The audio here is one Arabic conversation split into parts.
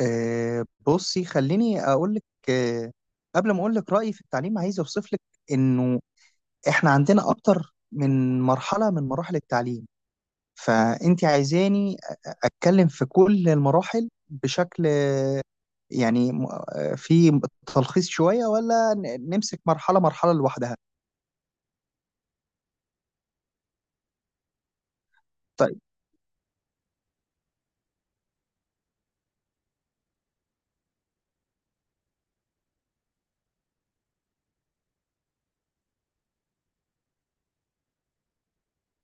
بصي، خليني اقول لك. آه، قبل ما اقول لك رايي في التعليم، عايز اوصف لك انه احنا عندنا اكتر من مرحله من مراحل التعليم. فانت عايزاني اتكلم في كل المراحل بشكل، يعني في تلخيص شويه، ولا نمسك مرحله مرحله لوحدها؟ طيب.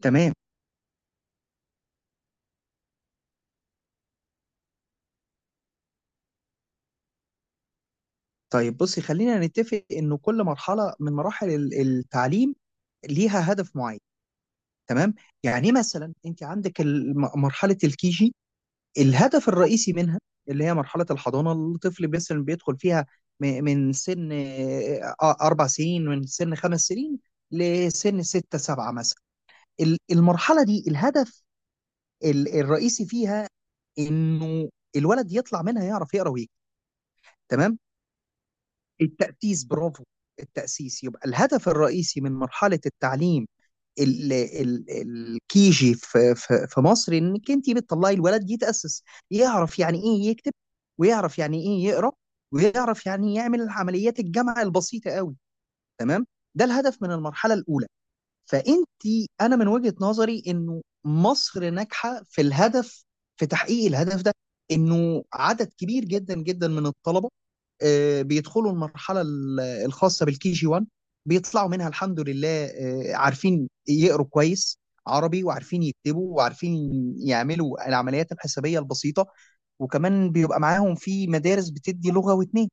تمام. طيب، بصي، خلينا نتفق انه كل مرحله من مراحل التعليم ليها هدف معين، تمام. يعني مثلا انت عندك مرحله الكيجي، الهدف الرئيسي منها، اللي هي مرحلة الحضانة، الطفل مثلا بيدخل فيها من سن أربع سنين، من سن خمس سنين، لسن ستة سبعة مثلا. المرحلة دي الهدف الرئيسي فيها إنه الولد يطلع منها يعرف يقرأ ويكتب. تمام، التأسيس، برافو. التأسيس يبقى الهدف الرئيسي من مرحلة التعليم الكيجي في مصر، انك انت بتطلعي الولد يتاسس، يعرف يعني ايه يكتب، ويعرف يعني ايه يقرا، ويعرف يعني يعمل عمليات الجمع البسيطه قوي. تمام، ده الهدف من المرحله الاولى. فانت، انا من وجهة نظري انه مصر ناجحه في الهدف، في تحقيق الهدف ده، انه عدد كبير جدا جدا من الطلبه بيدخلوا المرحله الخاصه بالكي جي 1، بيطلعوا منها الحمد لله عارفين يقروا كويس عربي، وعارفين يكتبوا، وعارفين يعملوا العمليات الحسابيه البسيطه. وكمان بيبقى معاهم في مدارس بتدي لغه واتنين.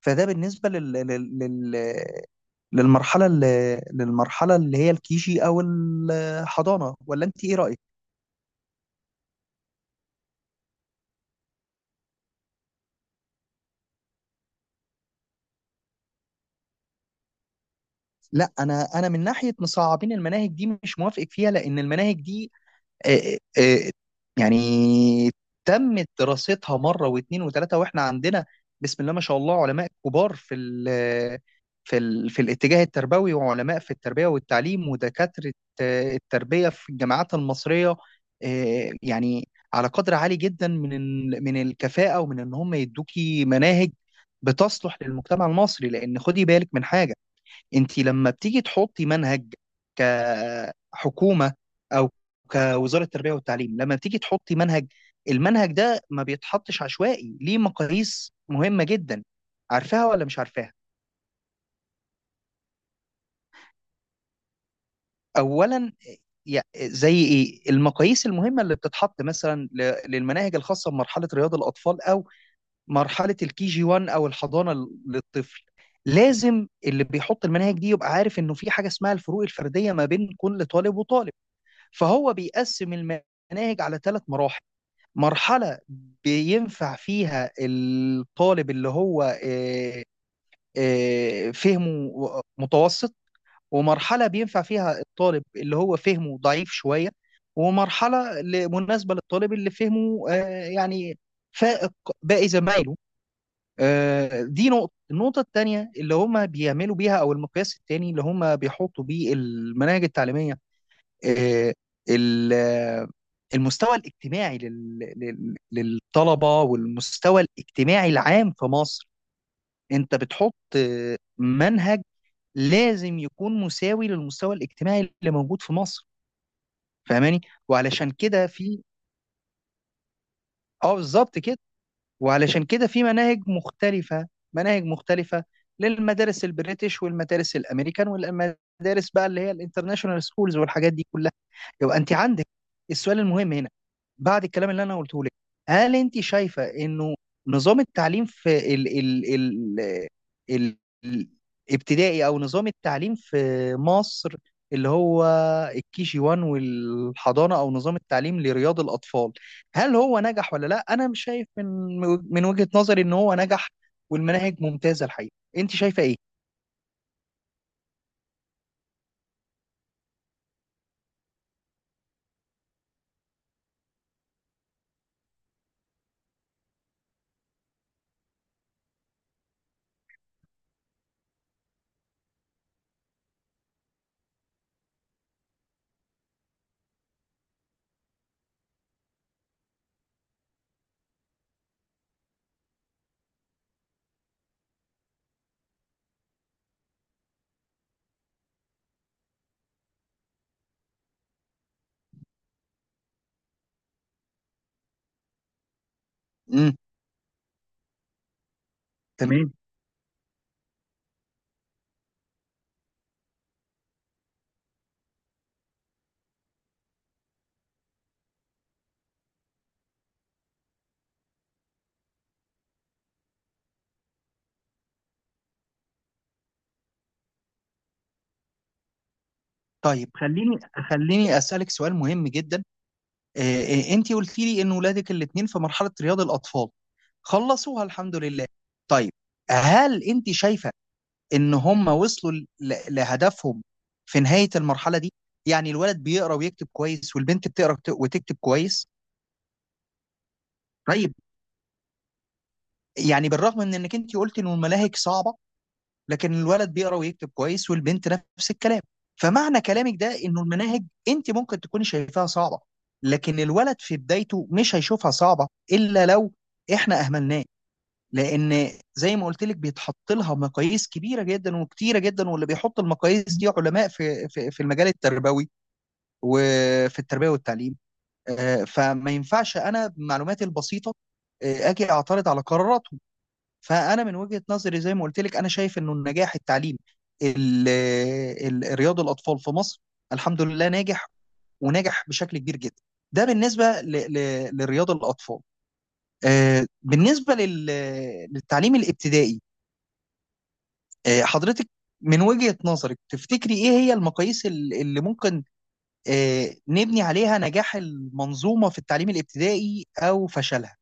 فده بالنسبه للمرحلة اللي هي الكيجي أو الحضانة. ولا أنت إيه رأيك؟ لا، أنا من ناحية مصعبين المناهج دي مش موافق فيها، لأن المناهج دي آه، آه، يعني تمت دراستها مره واثنين وثلاثه. واحنا عندنا بسم الله ما شاء الله علماء كبار في الاتجاه التربوي، وعلماء في التربيه والتعليم، ودكاتره التربيه في الجامعات المصريه. يعني على قدر عالي جدا من من الكفاءه، ومن ان هم يدوكي مناهج بتصلح للمجتمع المصري. لان خدي بالك من حاجه، انت لما بتيجي تحطي منهج كحكومه او كوزاره التربيه والتعليم، لما بتيجي تحطي منهج، المنهج ده ما بيتحطش عشوائي، ليه مقاييس مهمه جدا. عارفاها ولا مش عارفاها؟ اولا، زي ايه المقاييس المهمه اللي بتتحط مثلا للمناهج الخاصه بمرحله رياض الاطفال، او مرحله الكي جي 1، او الحضانه للطفل. لازم اللي بيحط المناهج دي يبقى عارف انه في حاجه اسمها الفروق الفرديه ما بين كل طالب وطالب. فهو بيقسم المناهج على ثلاث مراحل: مرحلة بينفع فيها الطالب اللي هو فهمه متوسط، ومرحلة بينفع فيها الطالب اللي هو فهمه ضعيف شوية، ومرحلة مناسبة للطالب اللي فهمه يعني فائق باقي زمايله. دي نقطة. النقطة التانية اللي هم بيعملوا بيها، أو المقياس التاني اللي هم بيحطوا بيه المناهج التعليمية، آه، ال- آه، المستوى الاجتماعي للطلبة، والمستوى الاجتماعي العام في مصر. انت بتحط منهج، لازم يكون مساوي للمستوى الاجتماعي اللي موجود في مصر. فاهماني؟ وعلشان كده في، اه بالظبط كده. وعلشان كده في مناهج مختلفة، مناهج مختلفة، للمدارس البريتش، والمدارس الامريكان، والمدارس بقى اللي هي الانترناشونال سكولز، والحاجات دي كلها. يبقى انت عندك السؤال المهم هنا بعد الكلام اللي انا قلته لك: هل انت شايفه انه نظام التعليم في ال ال ال ال الابتدائي، او نظام التعليم في مصر اللي هو الكي جي 1 والحضانه، او نظام التعليم لرياض الاطفال، هل هو نجح ولا لا؟ انا مش شايف، من من وجهة نظري ان هو نجح والمناهج ممتازه الحقيقه. انت شايفه ايه؟ امم. تمام. طيب، خليني اسالك سؤال مهم جدا. انت قلتي لي ان ولادك الاثنين في مرحله رياض الاطفال خلصوها الحمد لله. طيب، هل انت شايفه ان هم وصلوا لهدفهم في نهايه المرحله دي؟ يعني الولد بيقرا ويكتب كويس، والبنت بتقرا وتكتب كويس؟ طيب، يعني بالرغم من انك انت قلت ان الملاهج صعبه، لكن الولد بيقرا ويكتب كويس، والبنت نفس الكلام. فمعنى كلامك ده انه المناهج، انت ممكن تكوني شايفاها صعبه، لكن الولد في بدايته مش هيشوفها صعبه الا لو احنا اهملناه. لان زي ما قلت لك بيتحط لها مقاييس كبيره جدا وكتيره جدا، واللي بيحط المقاييس دي علماء في المجال التربوي وفي التربيه والتعليم. فما ينفعش انا بمعلوماتي البسيطه اجي اعترض على قرارات. فانا من وجهة نظري زي ما قلت لك انا شايف انه النجاح التعليم ال- رياض الاطفال في مصر الحمد لله ناجح، وناجح بشكل كبير جدا. ده بالنسبة لرياض الاطفال. بالنسبة للتعليم الابتدائي، حضرتك من وجهة نظرك تفتكري ايه هي المقاييس اللي ممكن نبني عليها نجاح المنظومة في التعليم الابتدائي او فشلها؟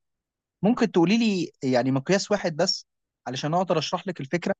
ممكن تقولي لي يعني مقياس واحد بس، علشان اقدر اشرح لك الفكرة.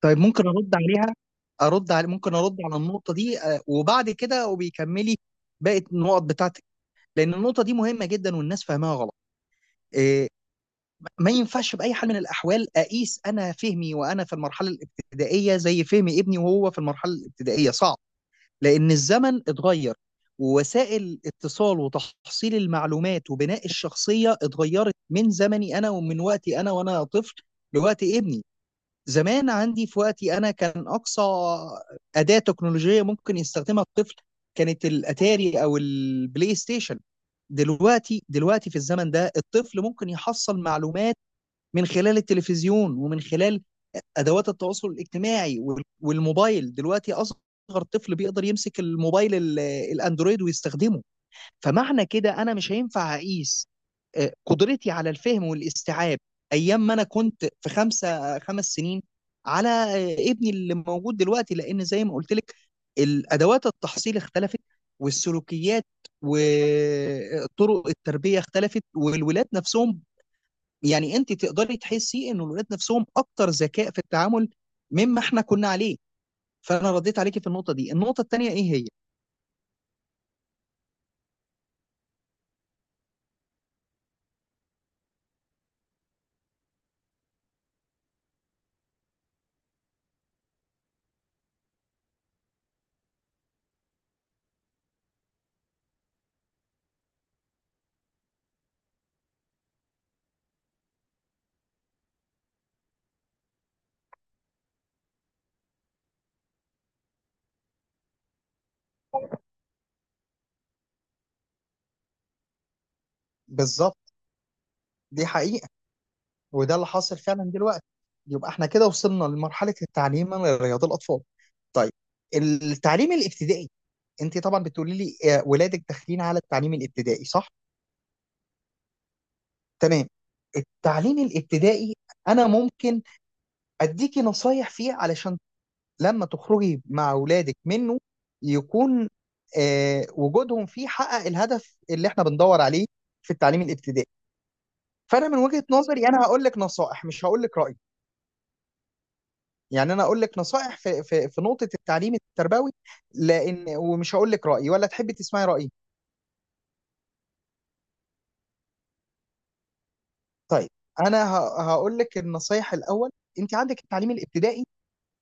طيب، ممكن ارد عليها، ارد على ممكن ارد على النقطه دي، وبعد كده وبيكملي باقي النقط بتاعتك؟ لان النقطه دي مهمه جدا والناس فاهمها غلط. آه، ما ينفعش باي حال من الاحوال اقيس انا فهمي وانا في المرحله الابتدائيه زي فهم ابني وهو في المرحله الابتدائيه، صعب. لان الزمن اتغير، ووسائل اتصال وتحصيل المعلومات وبناء الشخصيه اتغيرت من زمني انا، ومن وقتي انا وانا طفل، لوقت ابني. زمان عندي في وقتي انا كان اقصى اداه تكنولوجيه ممكن يستخدمها الطفل كانت الاتاري او البلاي ستيشن. دلوقتي في الزمن ده الطفل ممكن يحصل معلومات من خلال التلفزيون، ومن خلال ادوات التواصل الاجتماعي، والموبايل. دلوقتي اصغر طفل بيقدر يمسك الموبايل الاندرويد ويستخدمه. فمعنى كده انا مش هينفع اقيس قدرتي على الفهم والاستيعاب ايام ما انا كنت في خمس سنين على ابني اللي موجود دلوقتي. لان زي ما قلت لك الادوات التحصيل اختلفت، والسلوكيات وطرق التربيه اختلفت، والولاد نفسهم، يعني انت تقدري تحسي ان الولاد نفسهم اكتر ذكاء في التعامل مما احنا كنا عليه. فانا رديت عليكي في النقطه دي. النقطه الثانيه ايه هي؟ بالظبط، دي حقيقة. وده اللي حاصل فعلا دلوقتي. يبقى احنا كده وصلنا لمرحلة التعليم لرياض الأطفال. طيب، التعليم الابتدائي، انت طبعا بتقولي لي ولادك داخلين على التعليم الابتدائي، صح؟ تمام. التعليم الابتدائي، انا ممكن اديكي نصايح فيه، علشان لما تخرجي مع ولادك منه يكون وجودهم فيه حقق الهدف اللي احنا بندور عليه في التعليم الابتدائي. فانا من وجهة نظري انا هقول لك نصائح، مش هقول لك رأيي. يعني انا اقول لك نصائح في نقطه التعليم التربوي، لان، ومش هقول لك رايي، ولا تحبي تسمعي رايي؟ طيب، انا هقول لك النصائح الاول. انت عندك التعليم الابتدائي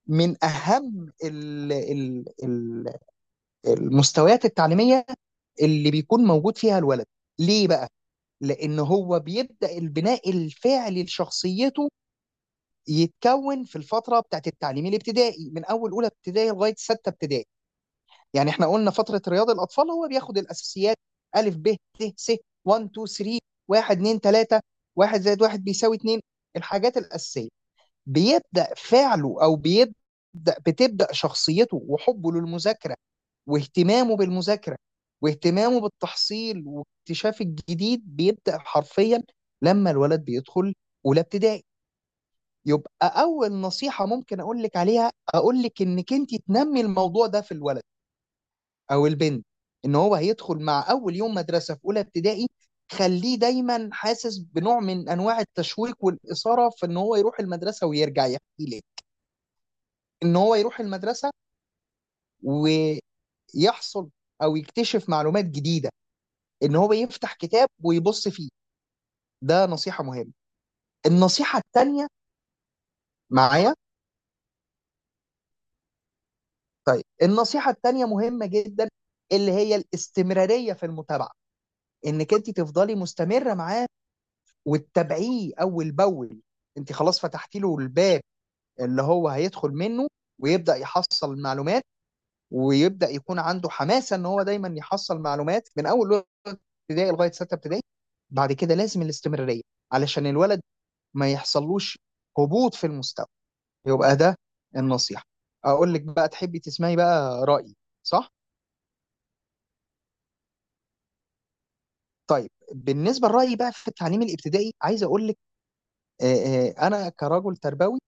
من اهم ال ال ال المستويات التعليميه اللي بيكون موجود فيها الولد. ليه بقى؟ لان هو بيبدا البناء الفعلي لشخصيته، يتكون في الفتره بتاعت التعليم الابتدائي من اول اولى ابتدائي لغايه سته ابتدائي. يعني احنا قلنا فتره رياض الاطفال هو بياخد الاساسيات: الف ب ت س، 1 2 3، 1 2 3، 1 زائد 1 بيساوي 2، الحاجات الاساسيه. بيبدا فعله، او بيبدا، بتبدا شخصيته وحبه للمذاكره، واهتمامه بالمذاكره، واهتمامه بالتحصيل واكتشاف الجديد. بيبدا حرفيا لما الولد بيدخل اولى ابتدائي. يبقى اول نصيحه ممكن اقول لك عليها، اقول لك انك انت تنمي الموضوع ده في الولد او البنت، ان هو هيدخل مع اول يوم مدرسه في اولى ابتدائي، خليه دايما حاسس بنوع من انواع التشويق والاثاره في ان هو يروح المدرسه ويرجع يحكي لي ان هو يروح المدرسه ويحصل او يكتشف معلومات جديده، ان هو يفتح كتاب ويبص فيه. ده نصيحه مهمه. النصيحه التانيه معايا؟ طيب، النصيحه التانيه مهمه جدا، اللي هي الاستمراريه في المتابعه، انك انت تفضلي مستمره معاه وتتابعيه اول باول. انت خلاص فتحتي له الباب اللي هو هيدخل منه، ويبدا يحصل معلومات، ويبدا يكون عنده حماسه ان هو دايما يحصل معلومات من اول ابتدائي لغايه سته ابتدائي. بعد كده لازم الاستمراريه علشان الولد ما يحصلوش هبوط في المستوى. يبقى ده النصيحه. اقول لك بقى، تحبي تسمعي بقى رايي، صح؟ طيب، بالنسبه لرايي بقى في التعليم الابتدائي عايز اقول لك انا كرجل تربوي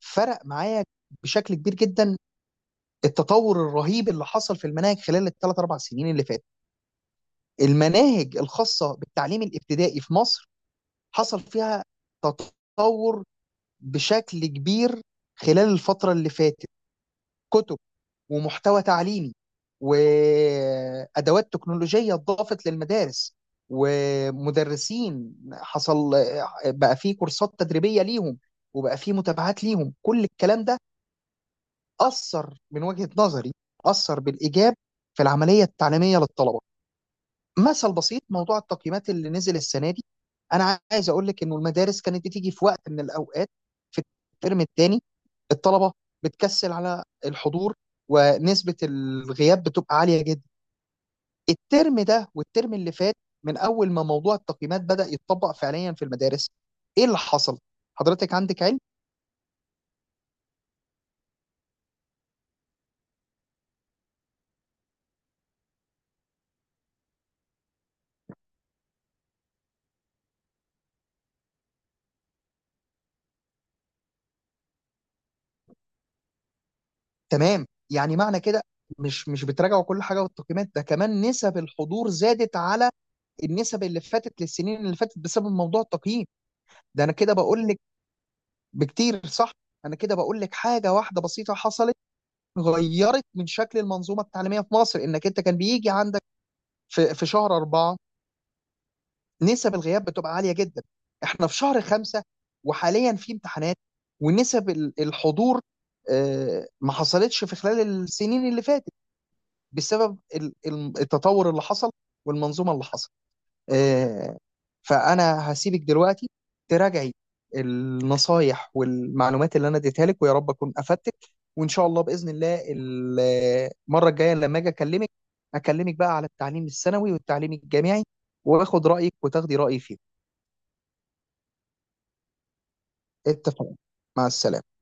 فرق معايا بشكل كبير جدا التطور الرهيب اللي حصل في المناهج خلال الثلاث اربع سنين اللي فاتت. المناهج الخاصه بالتعليم الابتدائي في مصر حصل فيها تطور بشكل كبير خلال الفتره اللي فاتت. كتب، ومحتوى تعليمي، وادوات تكنولوجيه اتضافت للمدارس. ومدرسين حصل، بقى فيه كورسات تدريبيه ليهم، وبقى فيه متابعات ليهم. كل الكلام ده اثر من وجهه نظري، اثر بالايجاب في العمليه التعليميه للطلبه. مثل بسيط: موضوع التقييمات اللي نزل السنه دي، انا عايز اقول لك انه المدارس كانت بتيجي في وقت من الاوقات في الترم الثاني الطلبه بتكسل على الحضور، ونسبه الغياب بتبقى عاليه جدا. الترم ده والترم اللي فات من اول ما موضوع التقييمات بدا يتطبق فعليا في المدارس، ايه اللي حصل؟ حضرتك عندك علم. تمام، يعني معنى كده مش بتراجعوا كل حاجه والتقييمات ده، كمان نسب الحضور زادت على النسب اللي فاتت للسنين اللي فاتت بسبب موضوع التقييم. ده انا كده بقول لك، بكتير، صح. انا كده بقول لك حاجه واحده بسيطه حصلت غيرت من شكل المنظومه التعليميه في مصر، انك انت كان بيجي عندك في شهر اربعه نسب الغياب بتبقى عاليه جدا. احنا في شهر خمسه وحاليا في امتحانات، ونسب الحضور ما حصلتش في خلال السنين اللي فاتت، بسبب التطور اللي حصل والمنظومه اللي حصل. آه، فانا هسيبك دلوقتي تراجعي النصايح والمعلومات اللي انا اديتها لك، ويا رب اكون افدتك. وان شاء الله باذن الله المره الجايه لما اجي اكلمك بقى على التعليم الثانوي والتعليم الجامعي، واخد رايك وتاخدي رايي فيه. اتفقنا. مع السلامه.